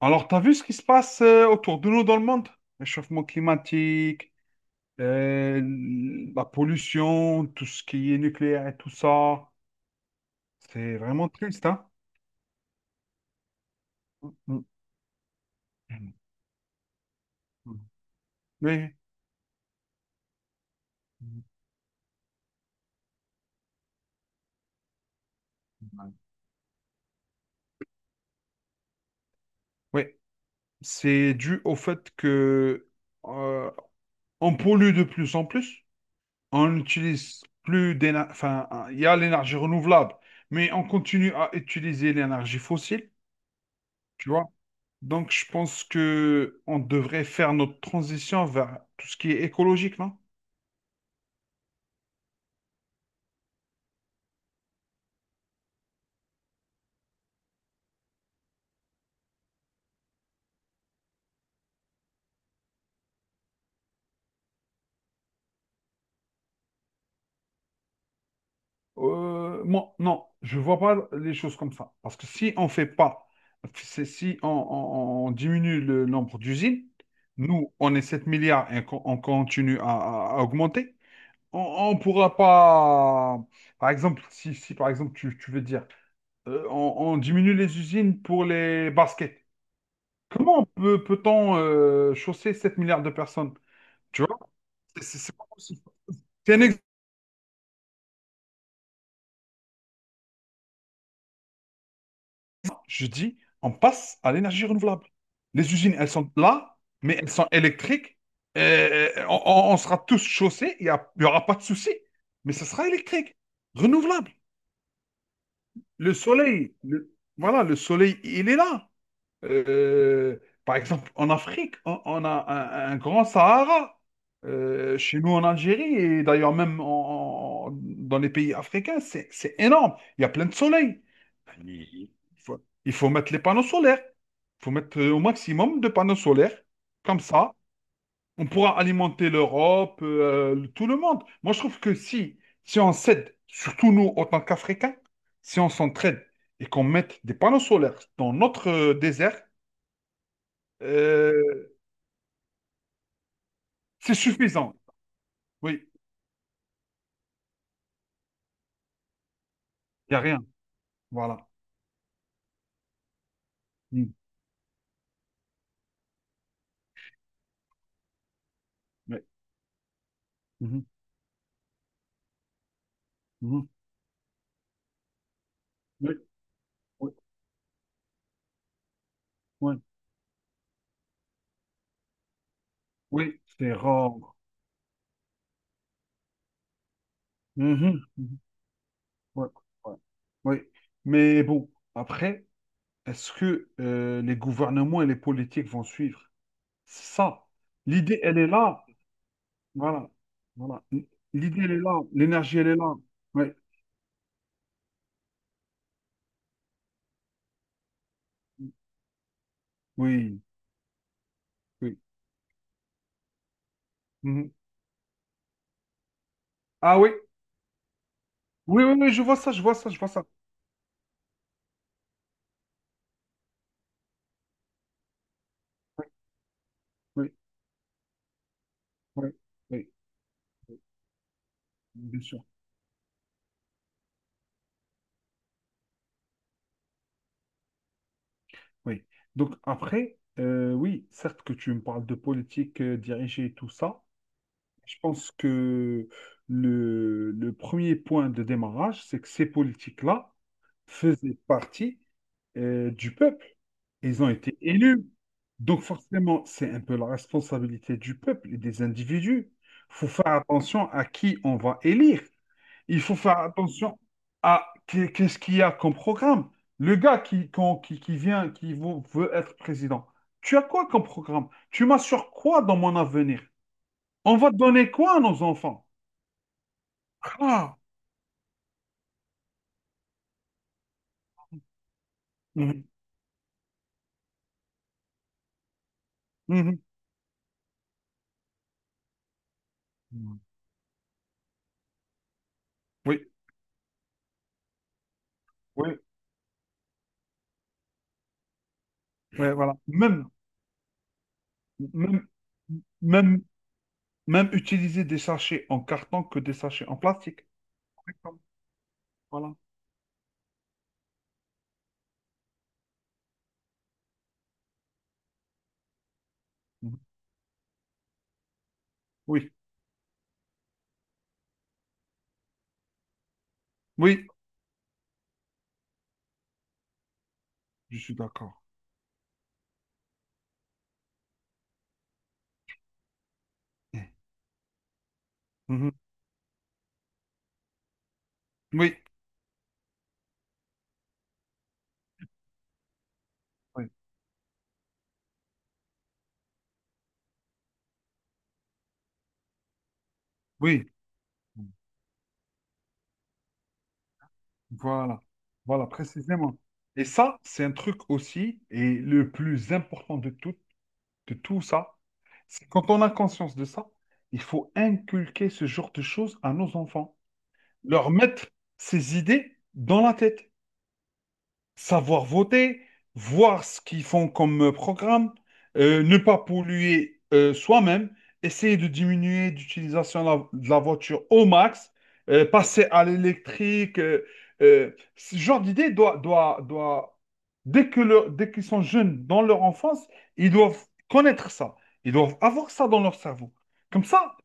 Alors, t'as vu ce qui se passe autour de nous dans le monde? Réchauffement climatique, euh, la pollution, tout ce qui est nucléaire et tout ça. C'est vraiment triste, hein? Mm. Oui, oui. C'est dû au fait que euh, on pollue de plus en plus. On n'utilise plus d'énergie. Enfin, il y a l'énergie renouvelable, mais on continue à utiliser l'énergie fossile. Tu vois? Donc, je pense que on devrait faire notre transition vers tout ce qui est écologique, non? Moi, non, je vois pas les choses comme ça. Parce que si on fait pas, si on diminue le nombre d'usines, nous, on est 7 milliards et qu'on- on continue à augmenter, on ne pourra pas... Par exemple, si par exemple, tu veux dire, on diminue les usines pour les baskets. Comment peut-on chausser 7 milliards de personnes? Tu C'est pas possible. C'est un exemple. Je dis, on passe à l'énergie renouvelable. Les usines, elles sont là, mais elles sont électriques. On sera tous chaussés, il n'y aura pas de souci. Mais ce sera électrique, renouvelable. Le soleil, voilà, le soleil, il est là. Euh, Par exemple, en Afrique, on a un grand Sahara. Chez nous en Algérie, et d'ailleurs même dans les pays africains, c'est énorme. Il y a plein de soleil. Mais il faut mettre les panneaux solaires. Il faut mettre au maximum de panneaux solaires. Comme ça, on pourra alimenter l'Europe, tout le monde. Moi, je trouve que si on s'aide, surtout nous, en tant qu'Africains, si on s'entraide et qu'on mette des panneaux solaires dans notre désert, euh, c'est suffisant. Oui, il n'y a rien. Voilà. Mm. Ouais. Mhm. Mhm. Oui, oui, oui, oui, c'est rare. Mhm. Mhm. Ouais, ouais, ouais. Mais bon, après, est-ce que les gouvernements et les politiques vont suivre? C'est ça. L'idée, elle est là. Voilà. Voilà. L'idée, elle est là. L'énergie, elle est là. Oui, oui, oui. Mhm. Ah oui. Oui, oui, oui, je vois ça, je vois ça, je vois ça. Oui, oui, oui, oui. Oui, bien sûr. Oui. Donc après, oui, certes que tu me parles de politique dirigée et tout ça, je pense que le premier point de démarrage, c'est que ces politiques-là faisaient partie du peuple. Ils ont été élus. Donc forcément, c'est un peu la responsabilité du peuple et des individus. Il faut faire attention à qui on va élire. Il faut faire attention à qu'est-ce qu'il y a comme programme. Le gars qui vient, qui veut être président, tu as quoi comme programme? Tu m'assures quoi dans mon avenir? On va donner quoi à nos enfants? Ah, mhm, mhm. Oui, oui, oui, voilà. Même, même, même, même utiliser des sachets en carton que des sachets en plastique. Voilà. Mhm. Oui, oui, je suis d'accord. Mhm. Oui, oui, oui. Voilà, voilà, précisément. Et ça, c'est un truc aussi, et le plus important de tout ça, c'est quand on a conscience de ça, il faut inculquer ce genre de choses à nos enfants. Leur mettre ces idées dans la tête. Savoir voter, voir ce qu'ils font comme programme, ne pas polluer soi-même, essayer de diminuer l'utilisation de de la voiture au max, passer à l'électrique. Ce genre d'idée doit, dès qu'ils sont jeunes dans leur enfance, ils doivent connaître ça. Ils doivent avoir ça dans leur cerveau. Comme ça,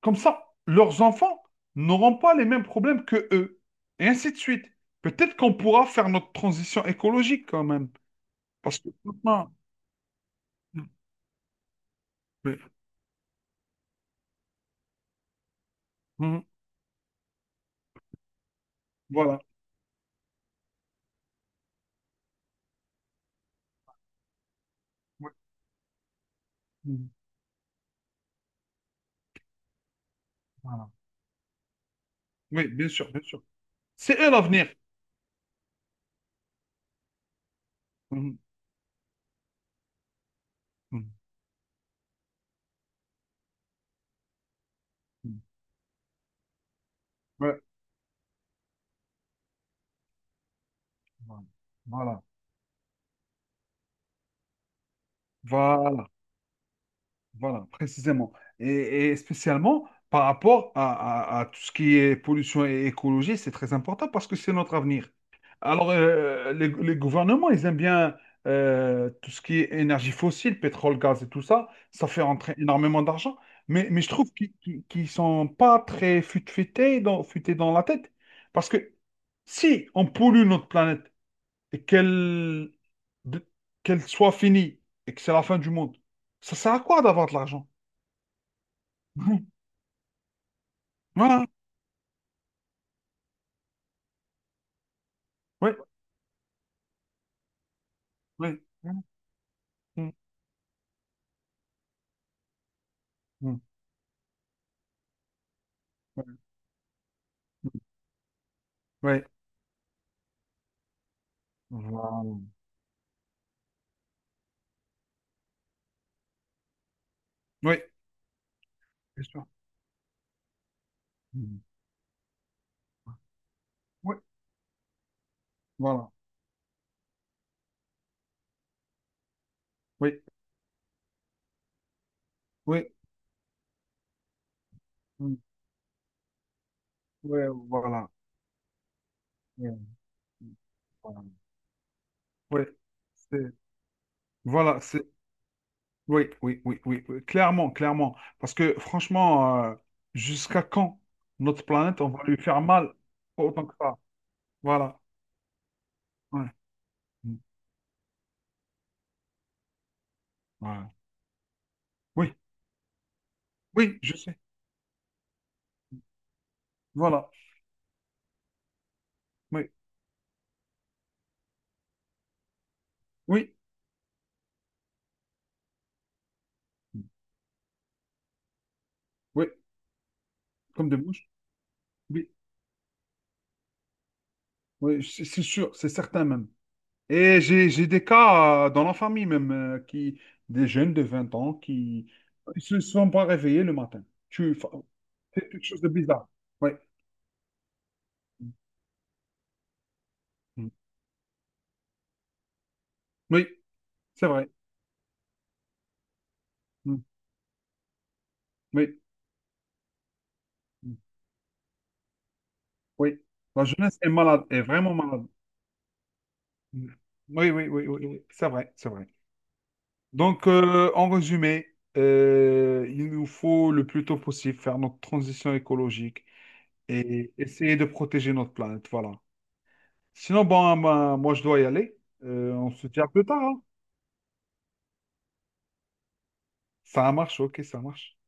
comme ça, leurs enfants n'auront pas les mêmes problèmes que eux. Et ainsi de suite. Peut-être qu'on pourra faire notre transition écologique quand même. Parce que maintenant, oui, mhm, voilà. Oui, mhm, voilà. Oui, bien sûr, bien sûr. C'est eux l'avenir. Mhm, mhm, mhm. Ouais, voilà. Voilà. Voilà. Voilà, précisément. Et spécialement par rapport à tout ce qui est pollution et écologie, c'est très important parce que c'est notre avenir. Alors, les gouvernements, ils aiment bien tout ce qui est énergie fossile, pétrole, gaz et tout ça. Ça fait rentrer énormément d'argent. Mais je trouve qu'ils sont pas très futés dans la tête. Parce que si on pollue notre planète et de- qu'elle soit finie et que c'est la fin du monde, ça sert à quoi d'avoir de l'argent? Ouais, voilà, ouais, ouais, voilà, mm, mm, ouais, mm, ouais, voilà, ouais, bien sûr, mm, ouais, voilà, oui, oui, mm, ouais, voilà, ouais, mm, voilà, ouais, c'est, voilà, c'est, oui, oui, oui, oui, oui, clairement, clairement, parce que franchement, jusqu'à quand notre planète, on va lui faire mal autant que ça, voilà, ouais, mm, voilà, oui, oui, je sais, voilà, oui, oui, mm, oui, comme des mouches, oui. Oui, c'est sûr, c'est certain même. Et j'ai des cas dans la famille même, qui, des jeunes de 20 ans qui ne se sont pas réveillés le matin. Tu, enfin, c'est quelque chose de bizarre. Oui. Mm. Oui, c'est vrai. Mm. Oui. Mm. Oui. La jeunesse est malade, est vraiment malade. Mm. Oui, oui, oui, oui, oui. C'est vrai, c'est vrai. Donc, en résumé, il nous faut le plus tôt possible faire notre transition écologique et essayer de protéger notre planète. Voilà. Sinon, bon, moi, moi, je dois y aller. On se dit à plus tard, hein. Ça marche, OK, ça marche.